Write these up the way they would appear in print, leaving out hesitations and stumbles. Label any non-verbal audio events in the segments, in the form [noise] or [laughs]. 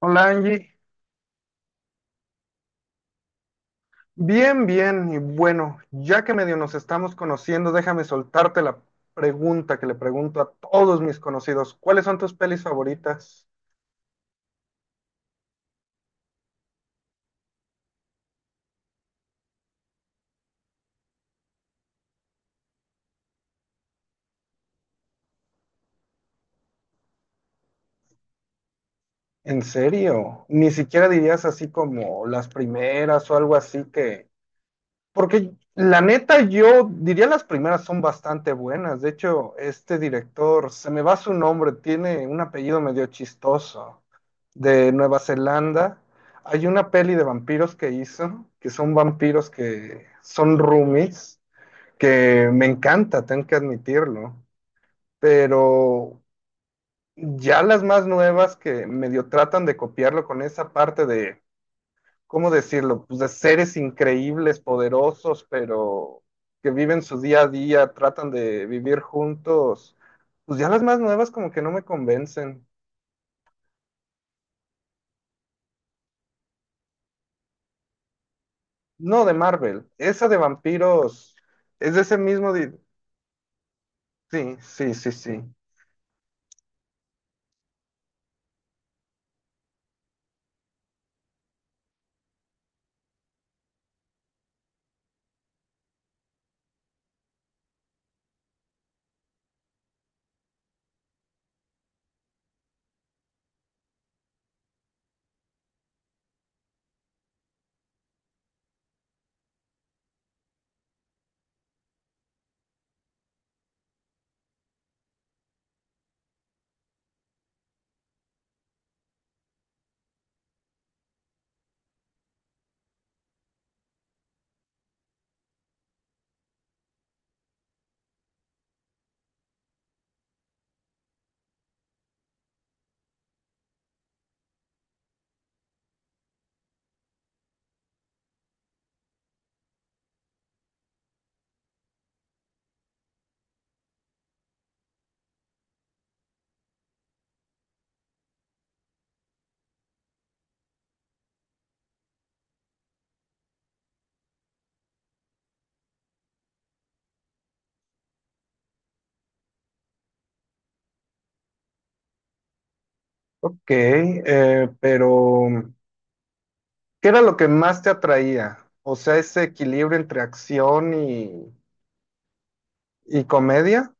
Hola Angie, bien, bien, y bueno, ya que medio nos estamos conociendo, déjame soltarte la pregunta que le pregunto a todos mis conocidos. ¿Cuáles son tus pelis favoritas? ¿En serio? Ni siquiera dirías así como las primeras o algo así porque la neta, yo diría las primeras son bastante buenas. De hecho, este director, se me va su nombre, tiene un apellido medio chistoso, de Nueva Zelanda. Hay una peli de vampiros que hizo, que son vampiros que son roomies, que me encanta, tengo que admitirlo. Pero ya las más nuevas que medio tratan de copiarlo con esa parte de ¿cómo decirlo? Pues de seres increíbles, poderosos, pero que viven su día a día, tratan de vivir juntos. Pues ya las más nuevas como que no me convencen. No, de Marvel. Esa de vampiros es de ese mismo... Sí, sí, sí, sí. Ok, pero ¿qué era lo que más te atraía? O sea, ese equilibrio entre acción y comedia.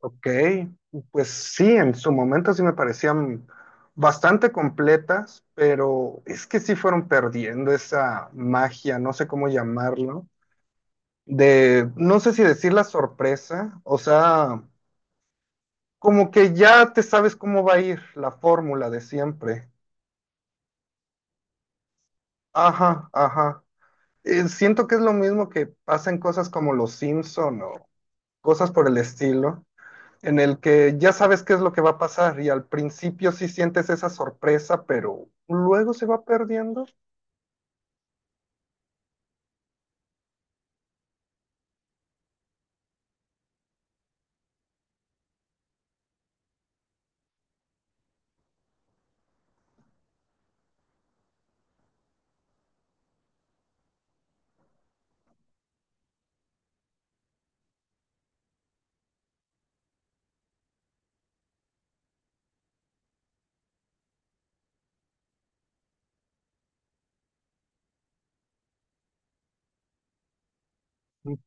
Ok, pues sí, en su momento sí me parecían bastante completas, pero es que sí fueron perdiendo esa magia, no sé cómo llamarlo, de, no sé si decir la sorpresa, o sea, como que ya te sabes cómo va a ir la fórmula de siempre. Ajá, ajá. Siento que es lo mismo que pasa en cosas como Los Simpson o cosas por el estilo en el que ya sabes qué es lo que va a pasar y al principio sí sientes esa sorpresa, pero luego se va perdiendo un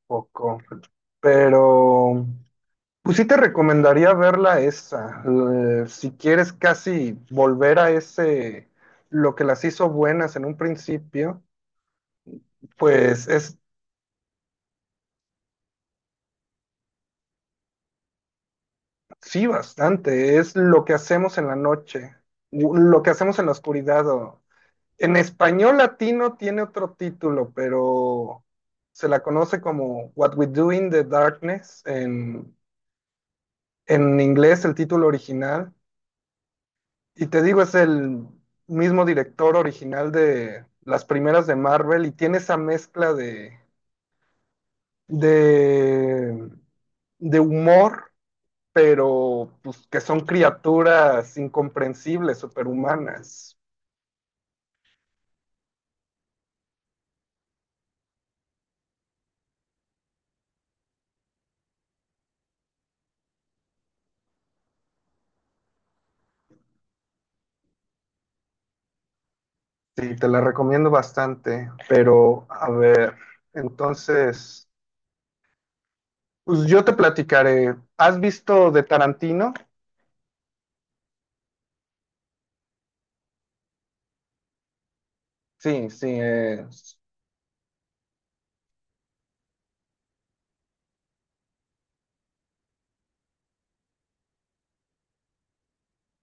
poco. Pero pues sí te recomendaría verla esa, si quieres casi volver a ese, lo que las hizo buenas en un principio, pues es, sí, bastante, es lo que hacemos en la noche, lo que hacemos en la oscuridad o en español latino tiene otro título, pero se la conoce como What We Do in the Darkness en inglés, el título original. Y te digo, es el mismo director original de las primeras de Marvel y tiene esa mezcla de, de humor, pero pues, que son criaturas incomprensibles, superhumanas. Sí, te la recomiendo bastante, pero a ver, entonces... Pues yo te platicaré. ¿Has visto de Tarantino? Sí, sí.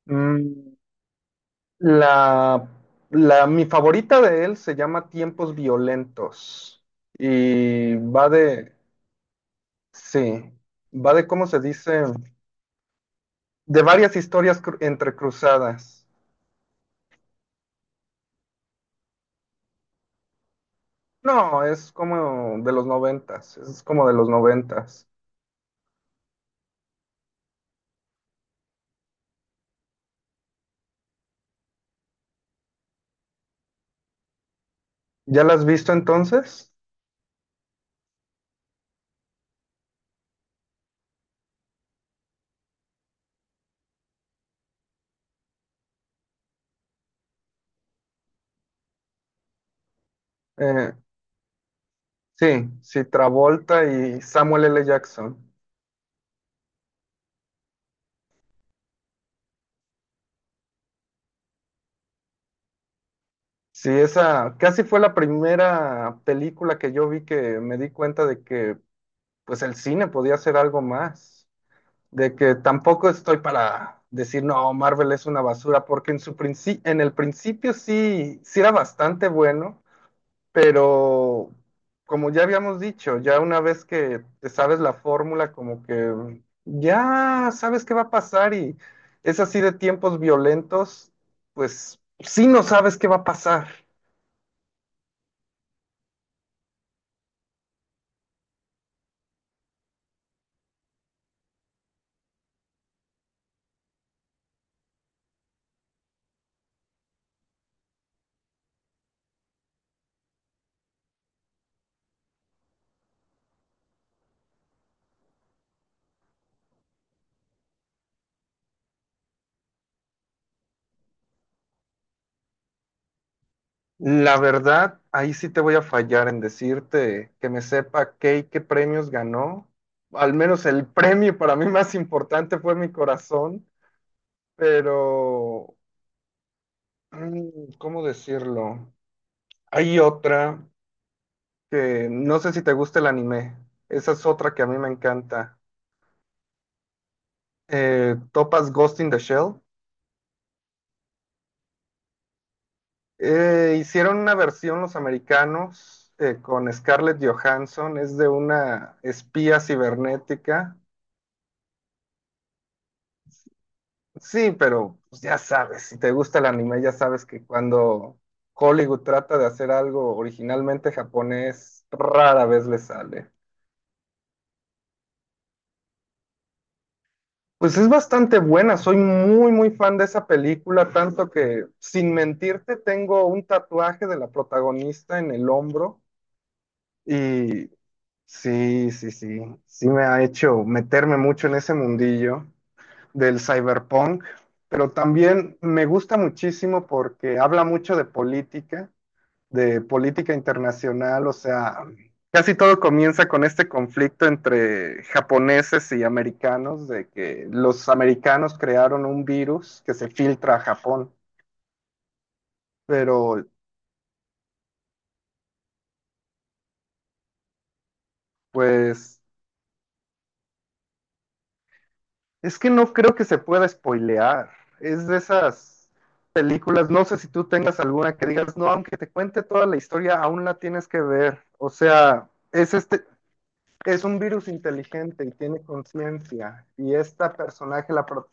mm, la, mi favorita de él se llama Tiempos Violentos. Y va de, sí, va de, ¿cómo se dice? De varias historias entrecruzadas. No, es como de los noventas. Es como de los noventas. ¿Ya la has visto entonces? Eh, sí, sí, Travolta y Samuel L. Jackson. Sí, esa casi fue la primera película que yo vi que me di cuenta de que pues el cine podía hacer algo más, de que tampoco estoy para decir no, Marvel es una basura, porque en su en el principio sí era bastante bueno, pero como ya habíamos dicho, ya una vez que te sabes la fórmula como que ya sabes qué va a pasar y es así de Tiempos Violentos, pues sí no sabes qué va a pasar. La verdad, ahí sí te voy a fallar en decirte que me sepa qué y qué premios ganó. Al menos el [laughs] premio para mí más importante fue mi corazón, pero ¿cómo decirlo? Hay otra que no sé si te gusta el anime. Esa es otra que a mí me encanta. ¿Topas Ghost in the Shell? Hicieron una versión los americanos con Scarlett Johansson. Es de una espía cibernética. Sí, pero pues, ya sabes, si te gusta el anime, ya sabes que cuando Hollywood trata de hacer algo originalmente japonés, rara vez le sale. Pues es bastante buena, soy muy, muy fan de esa película, tanto que, sin mentirte, tengo un tatuaje de la protagonista en el hombro y sí, sí, sí, sí me ha hecho meterme mucho en ese mundillo del cyberpunk, pero también me gusta muchísimo porque habla mucho de política, de política internacional, o sea, casi todo comienza con este conflicto entre japoneses y americanos, de que los americanos crearon un virus que se filtra a Japón, pero pues es que no creo que se pueda spoilear, es de esas películas, no sé si tú tengas alguna que digas, no, aunque te cuente toda la historia, aún la tienes que ver, o sea, es este, es un virus inteligente y tiene conciencia. Y esta personaje, la,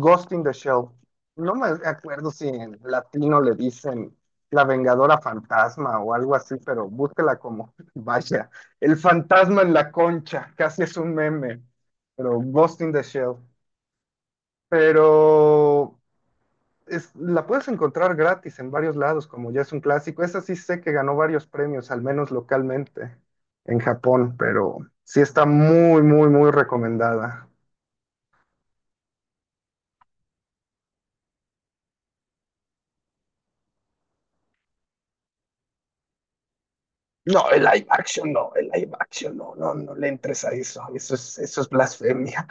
Ghost in the Shell. No me acuerdo si en latino le dicen la Vengadora Fantasma o algo así, pero búsquela como, [laughs] vaya, el fantasma en la concha, casi es un meme, pero Ghost in the Shell. Pero la puedes encontrar gratis en varios lados, como ya es un clásico. Esa sí sé que ganó varios premios, al menos localmente en Japón, pero sí está muy, muy, muy recomendada. No, el live action no, el live action no, no, no le entres a eso, eso es blasfemia.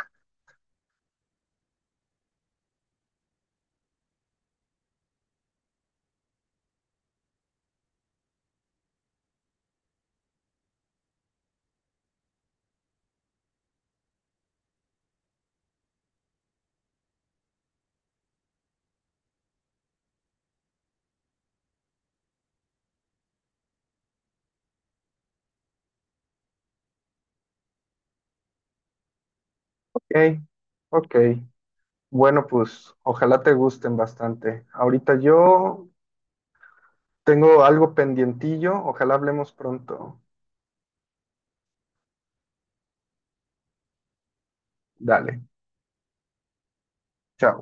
Ok, ok. Bueno, pues ojalá te gusten bastante. Ahorita yo tengo algo pendientillo, ojalá hablemos pronto. Dale, chao.